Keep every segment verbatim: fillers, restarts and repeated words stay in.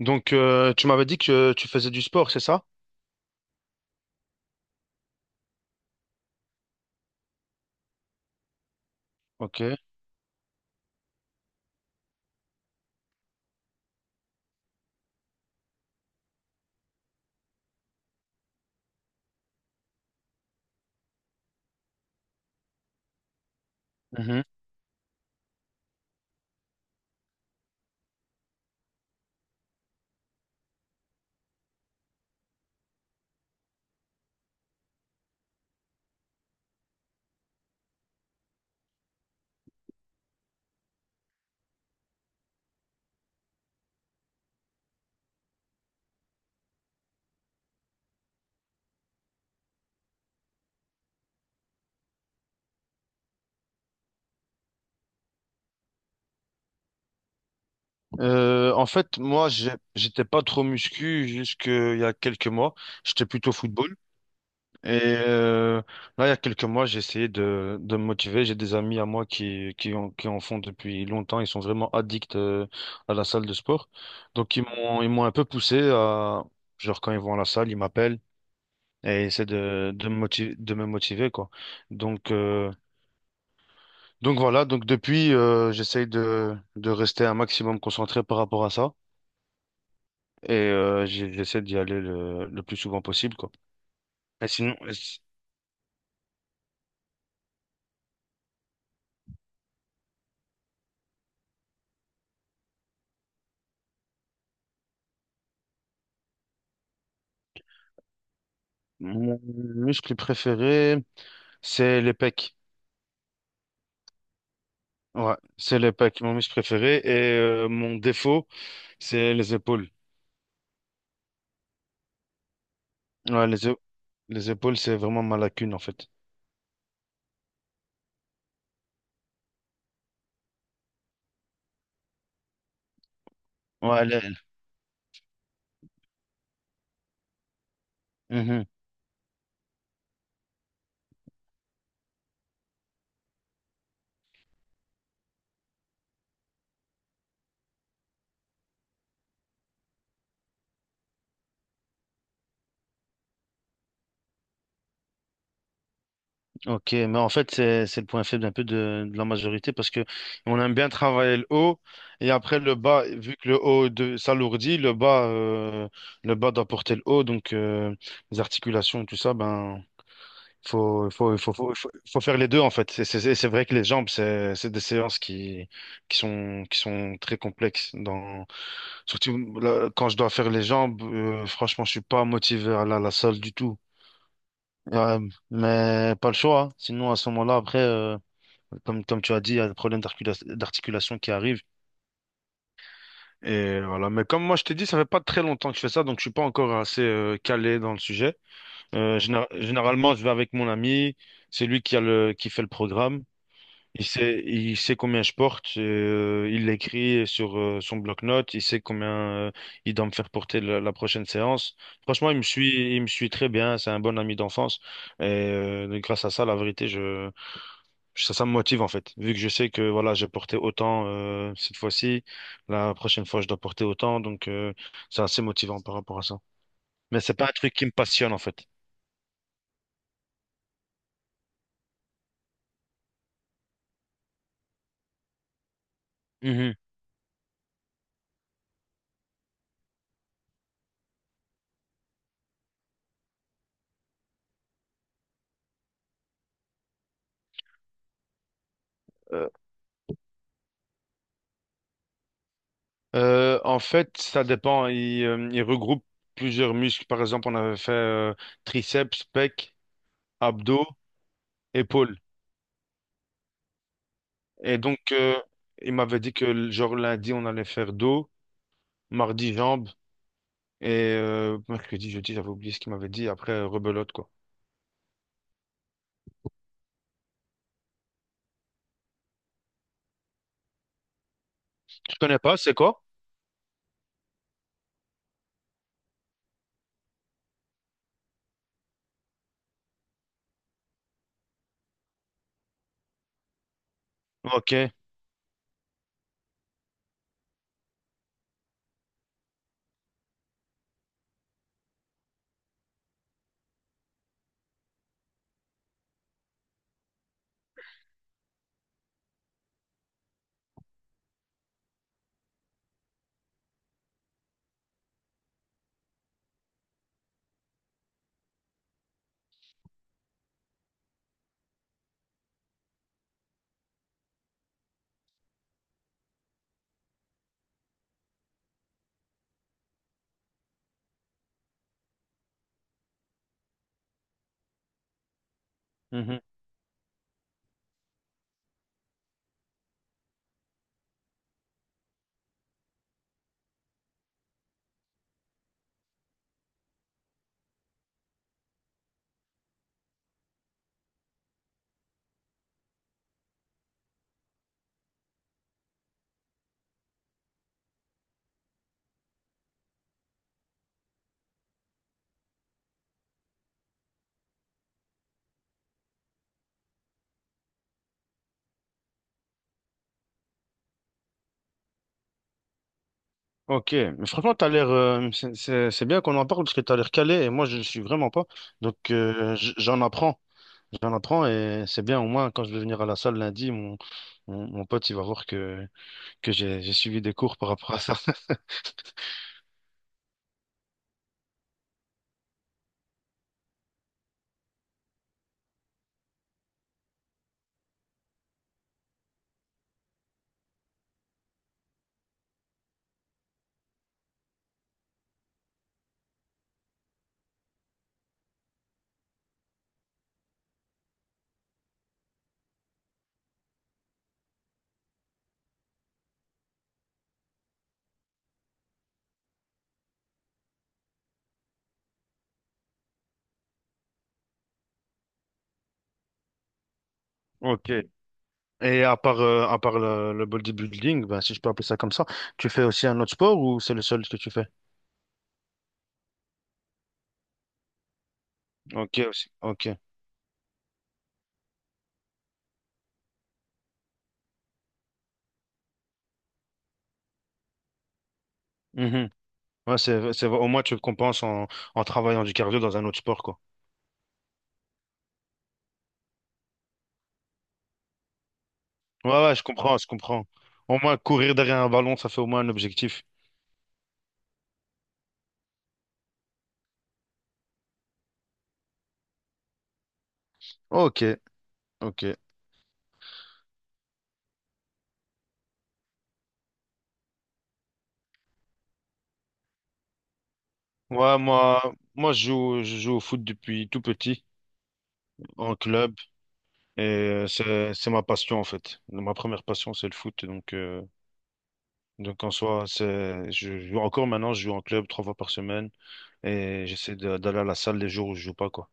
Donc, euh, tu m'avais dit que tu faisais du sport, c'est ça? Ok. Mhm. Euh, en fait, moi, j'ai- j'étais pas trop muscu jusqu'il y a quelques mois. J'étais plutôt football. Et euh, là, il y a quelques mois, j'ai essayé de, de me motiver. J'ai des amis à moi qui, qui, en, qui en font depuis longtemps. Ils sont vraiment addicts euh, à la salle de sport. Donc, ils m'ont, ils m'ont un peu poussé à, genre, quand ils vont à la salle, ils m'appellent et ils essaient de, de me motiver, de me motiver, quoi. Donc, euh, Donc voilà, donc depuis, euh, j'essaye de, de rester un maximum concentré par rapport à ça et euh, j'ai- j'essaie d'y aller le, le plus souvent possible, quoi. Et sinon, s- mon muscle préféré, c'est les pecs. Ouais, c'est les pecs, mon muscle préféré. Et euh, mon défaut, c'est les épaules. Ouais, les, é- les épaules, c'est vraiment ma lacune, en fait. Ouais, les- Mhm. Ok, mais en fait, c'est, c'est le point faible un peu de, de la majorité parce que on aime bien travailler le haut et après le bas, vu que le haut de, s'alourdit, le bas, euh, le bas doit porter le haut, donc euh, les articulations, tout ça, ben, faut, faut, faut, faut, faut, faut faire les deux en fait. C'est c'est- c'est- c'est vrai que les jambes, c'est c'est des séances qui, qui sont, qui sont très complexes. Dans, surtout là, quand je dois faire les jambes, euh, franchement, je suis pas motivé à la, la salle du tout. Euh, mais pas le choix, hein. Sinon à ce moment-là, après. Euh, comme, comme tu as dit, il y a des problèmes d'articula- d'articulation qui arrivent. Et voilà. Mais comme moi, je t'ai dit, ça fait pas très longtemps que je fais ça, donc je suis pas encore assez euh, calé dans le sujet. Euh, généra- généralement, je vais avec mon ami. C'est lui qui a le, qui fait le programme. Il sait, il sait combien je porte. Et, euh, il l'écrit sur euh, son bloc-notes. Il sait combien euh, il doit me faire porter la, la prochaine séance. Franchement, il me suit, il me suit très bien. C'est un bon ami d'enfance. Et euh, grâce à ça, la vérité, je Ça, ça me motive en fait, vu que je sais que voilà, j'ai porté autant euh, cette fois-ci, la prochaine fois je dois porter autant, donc euh, c'est assez motivant par rapport à ça. Mais c'est pas un truc qui me passionne en fait. Mhm. Euh, euh, En fait, ça dépend. Il, euh, il regroupe plusieurs muscles. Par exemple, on avait fait euh, triceps, pec, abdos, épaules. Et donc, euh, il m'avait dit que le- genre lundi, on allait faire dos, mardi, jambes, et euh, mercredi, jeudi, j'avais oublié ce qu'il m'avait dit. Après, euh, rebelote, quoi. Tu connais pas, c'est quoi? Ok. Mhm. Ok, mais franchement, t'as l'air, euh, c'est c'est- c'est bien qu'on en parle parce que t'as l'air calé et moi je le suis vraiment pas. Donc euh, j- j'en apprends, j'en apprends et c'est bien au moins quand je vais venir à la salle lundi, mon, mon, mon pote il va voir que, que j'ai j'ai suivi des cours par rapport à ça. Ok, et à part, euh, à part le, le bodybuilding, ben, si je peux appeler ça comme ça, tu fais aussi un autre sport ou c'est le seul que tu fais? Ok, aussi. Ok. Mhm. Ouais, c'est, c'est, au moins, tu compenses en, en travaillant du cardio dans un autre sport, quoi. Ouais, ouais, je comprends, je comprends. Au moins, courir derrière un ballon, ça fait au moins un objectif. Ok, ok. Ouais, moi, moi, je joue, je joue au foot depuis tout petit, en club, et euh, c'est, c'est ma passion, en fait. Ma première passion, c'est le foot, donc, euh, donc en soi, c'est, je joue encore maintenant, je joue en club trois fois par semaine et j'essaie de- d'aller à la salle les jours où je joue pas quoi.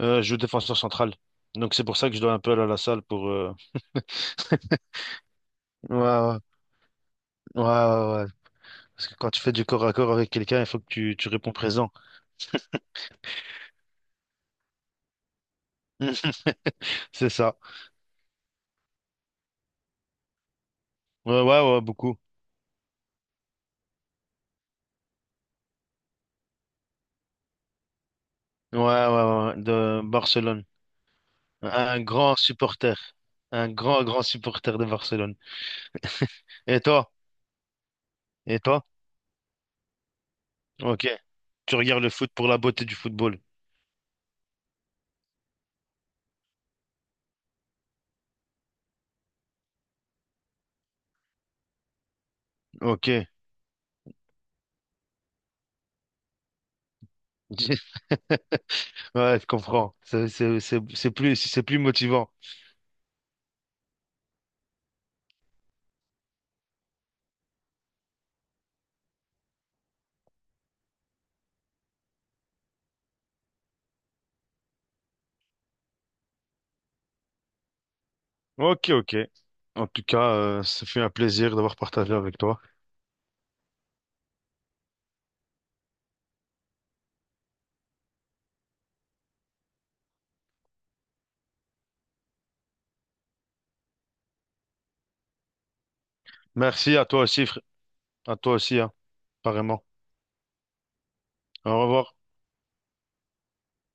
Euh, je joue défenseur central. Donc c'est pour ça que je dois un peu aller à la salle pour euh, ouais, ouais, ouais, ouais, ouais. Parce que quand tu fais du corps à corps avec quelqu'un, il faut que tu, tu réponds présent. C'est ça. Ouais, ouais, ouais, beaucoup. Ouais, ouais, ouais, ouais. De Barcelone. Un grand supporter. Un grand, grand supporter de Barcelone. Et toi? Et toi? Ok. Tu regardes le foot pour la beauté du football. Ok. Ouais, je comprends. C'est c'est- c'est- c'est plus, c'est plus motivant. Ok, ok. En tout cas, euh, ça fait un plaisir d'avoir partagé avec toi. Merci à toi aussi, frère. À toi aussi, hein. Apparemment. Au revoir.